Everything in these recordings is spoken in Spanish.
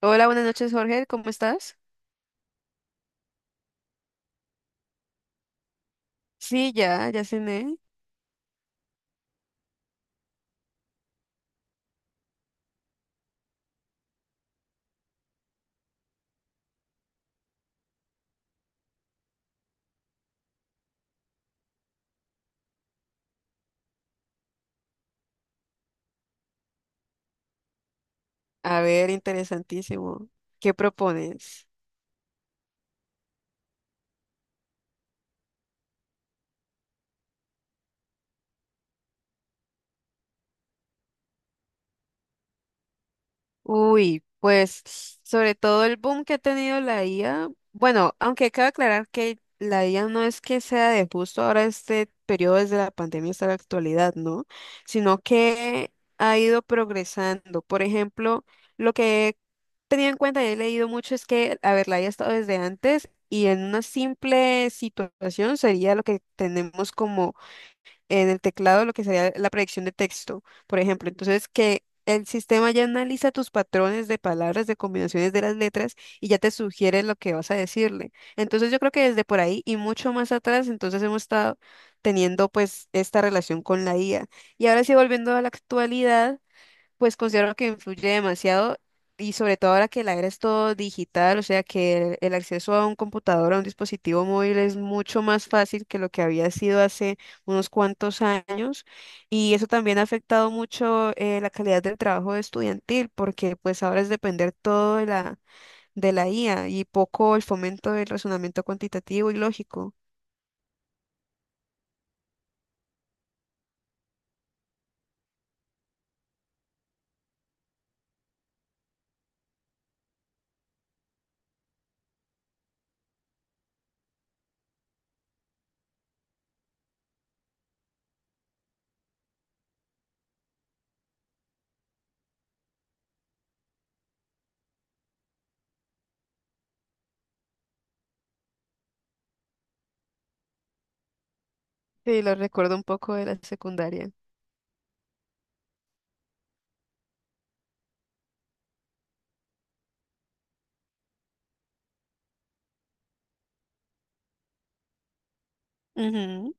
Hola, buenas noches, Jorge. ¿Cómo estás? Sí, ya cené. A ver, interesantísimo. ¿Qué propones? Uy, pues sobre todo el boom que ha tenido la IA, bueno, aunque cabe aclarar que la IA no es que sea de justo ahora este periodo desde la pandemia hasta la actualidad, ¿no? Sino que ha ido progresando. Por ejemplo, lo que he tenido en cuenta y he leído mucho es que, a ver, la IA ha estado desde antes y en una simple situación sería lo que tenemos como en el teclado lo que sería la predicción de texto, por ejemplo. Entonces, que el sistema ya analiza tus patrones de palabras, de combinaciones de las letras y ya te sugiere lo que vas a decirle. Entonces, yo creo que desde por ahí y mucho más atrás, entonces hemos estado teniendo pues esta relación con la IA. Y ahora sí, volviendo a la actualidad. Pues considero que influye demasiado y sobre todo ahora que la era es todo digital, o sea que el acceso a un computador, a un dispositivo móvil es mucho más fácil que lo que había sido hace unos cuantos años y eso también ha afectado mucho la calidad del trabajo estudiantil porque pues ahora es depender todo de la IA y poco el fomento del razonamiento cuantitativo y lógico. Sí, lo recuerdo un poco de la secundaria. Ujú.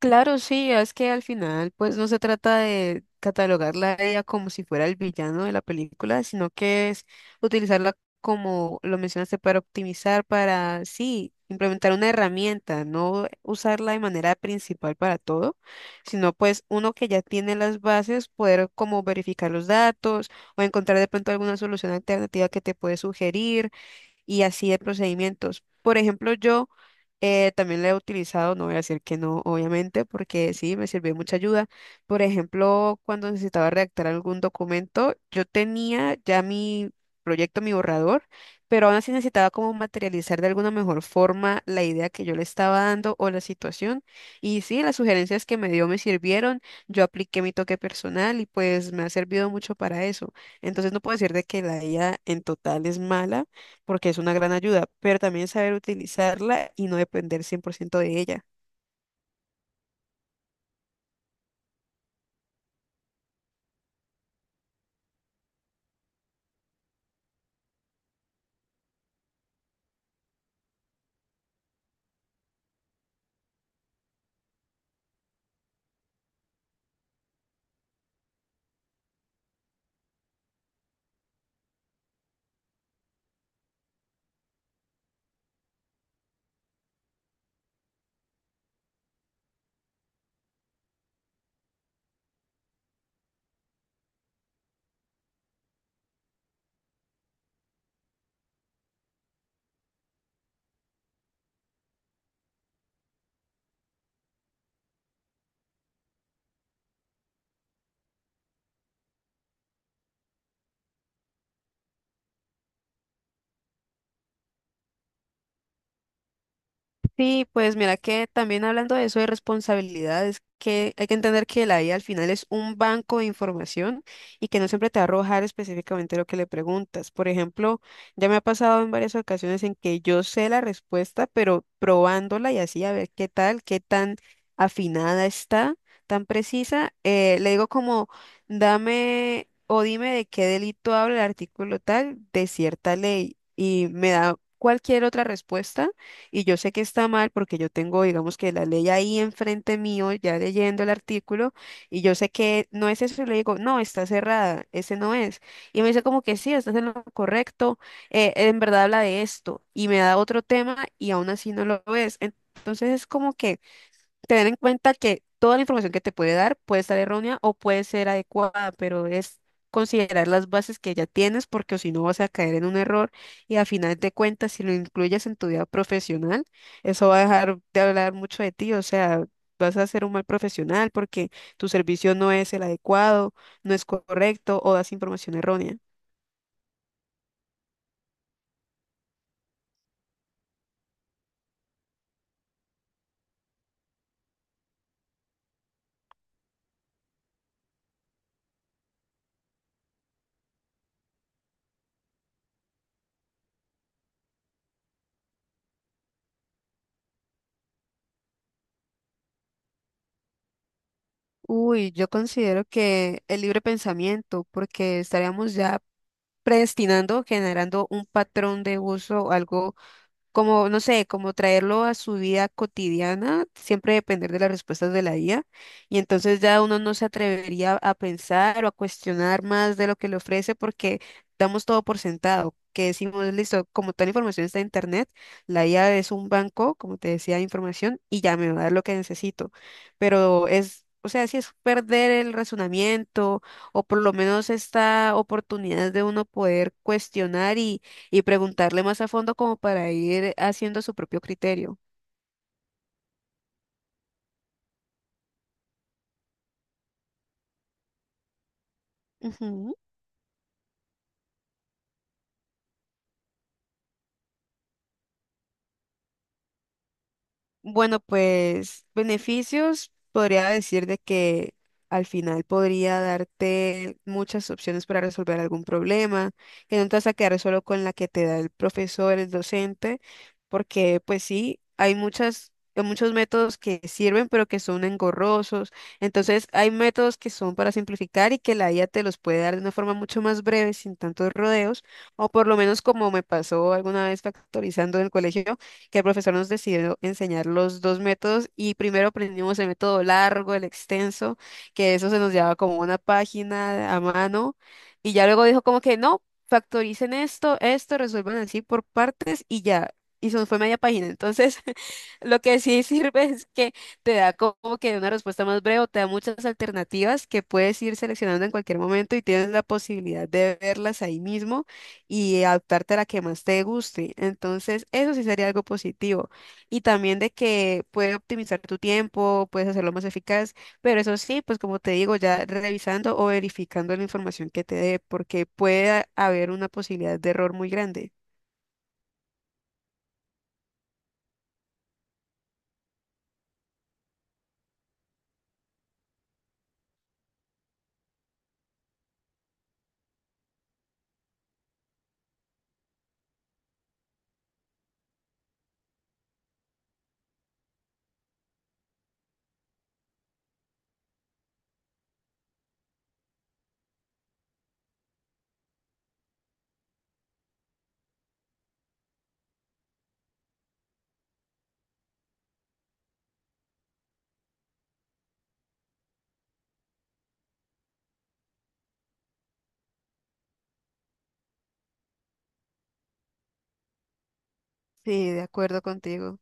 Claro, sí, es que al final pues no se trata de catalogarla a ella como si fuera el villano de la película, sino que es utilizarla como lo mencionaste para optimizar, para sí, implementar una herramienta, no usarla de manera principal para todo, sino pues uno que ya tiene las bases, poder como verificar los datos o encontrar de pronto alguna solución alternativa que te puede sugerir y así de procedimientos. Por ejemplo, yo también la he utilizado, no voy a decir que no, obviamente, porque sí, me sirvió mucha ayuda. Por ejemplo, cuando necesitaba redactar algún documento, yo tenía ya mi proyecto, mi borrador, pero aún así necesitaba como materializar de alguna mejor forma la idea que yo le estaba dando o la situación. Y sí, las sugerencias que me dio me sirvieron, yo apliqué mi toque personal y pues me ha servido mucho para eso. Entonces no puedo decir de que la IA en total es mala porque es una gran ayuda, pero también saber utilizarla y no depender 100% de ella. Sí, pues mira que también hablando de eso de responsabilidades, que hay que entender que la IA al final es un banco de información y que no siempre te va a arrojar específicamente lo que le preguntas. Por ejemplo, ya me ha pasado en varias ocasiones en que yo sé la respuesta, pero probándola y así a ver qué tal, qué tan afinada está, tan precisa, le digo como, dame o dime de qué delito habla el artículo tal de cierta ley y me da cualquier otra respuesta y yo sé que está mal porque yo tengo, digamos que la ley ahí enfrente mío, ya leyendo el artículo, y yo sé que no es eso, y le digo, no, está cerrada, ese no es. Y me dice como que sí, estás en lo correcto, en verdad habla de esto, y me da otro tema y aún así no lo ves. Entonces es como que tener en cuenta que toda la información que te puede dar puede estar errónea o puede ser adecuada, pero es considerar las bases que ya tienes porque o si no vas a caer en un error y al final de cuentas si lo incluyes en tu vida profesional, eso va a dejar de hablar mucho de ti, o sea, vas a ser un mal profesional porque tu servicio no es el adecuado, no es correcto o das información errónea. Uy, yo considero que el libre pensamiento, porque estaríamos ya predestinando, generando un patrón de uso, algo como, no sé, como traerlo a su vida cotidiana, siempre depender de las respuestas de la IA. Y entonces ya uno no se atrevería a pensar o a cuestionar más de lo que le ofrece porque damos todo por sentado, que decimos, listo, como tal información está en internet, la IA es un banco, como te decía, de información y ya me va a dar lo que necesito. Pero es... O sea, si es perder el razonamiento o por lo menos esta oportunidad de uno poder cuestionar y preguntarle más a fondo como para ir haciendo su propio criterio. Ujú. Bueno, pues beneficios, podría decir de que al final podría darte muchas opciones para resolver algún problema, que no te vas a quedar solo con la que te da el profesor, el docente, porque pues sí, hay muchas, hay muchos métodos que sirven, pero que son engorrosos. Entonces, hay métodos que son para simplificar y que la IA te los puede dar de una forma mucho más breve, sin tantos rodeos, o por lo menos como me pasó alguna vez factorizando en el colegio que el profesor nos decidió enseñar los dos métodos y primero aprendimos el método largo, el extenso, que eso se nos llevaba como una página a mano y ya luego dijo como que no, factoricen esto, esto, resuelvan así por partes y ya. Y se nos fue media página. Entonces, lo que sí sirve es que te da como que una respuesta más breve, o te da muchas alternativas que puedes ir seleccionando en cualquier momento y tienes la posibilidad de verlas ahí mismo y adaptarte a la que más te guste. Entonces, eso sí sería algo positivo. Y también de que puedes optimizar tu tiempo, puedes hacerlo más eficaz, pero eso sí, pues como te digo, ya revisando o verificando la información que te dé, porque puede haber una posibilidad de error muy grande. Sí, de acuerdo contigo.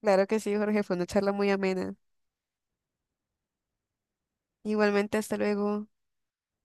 Claro que sí, Jorge, fue una charla muy amena. Igualmente, hasta luego.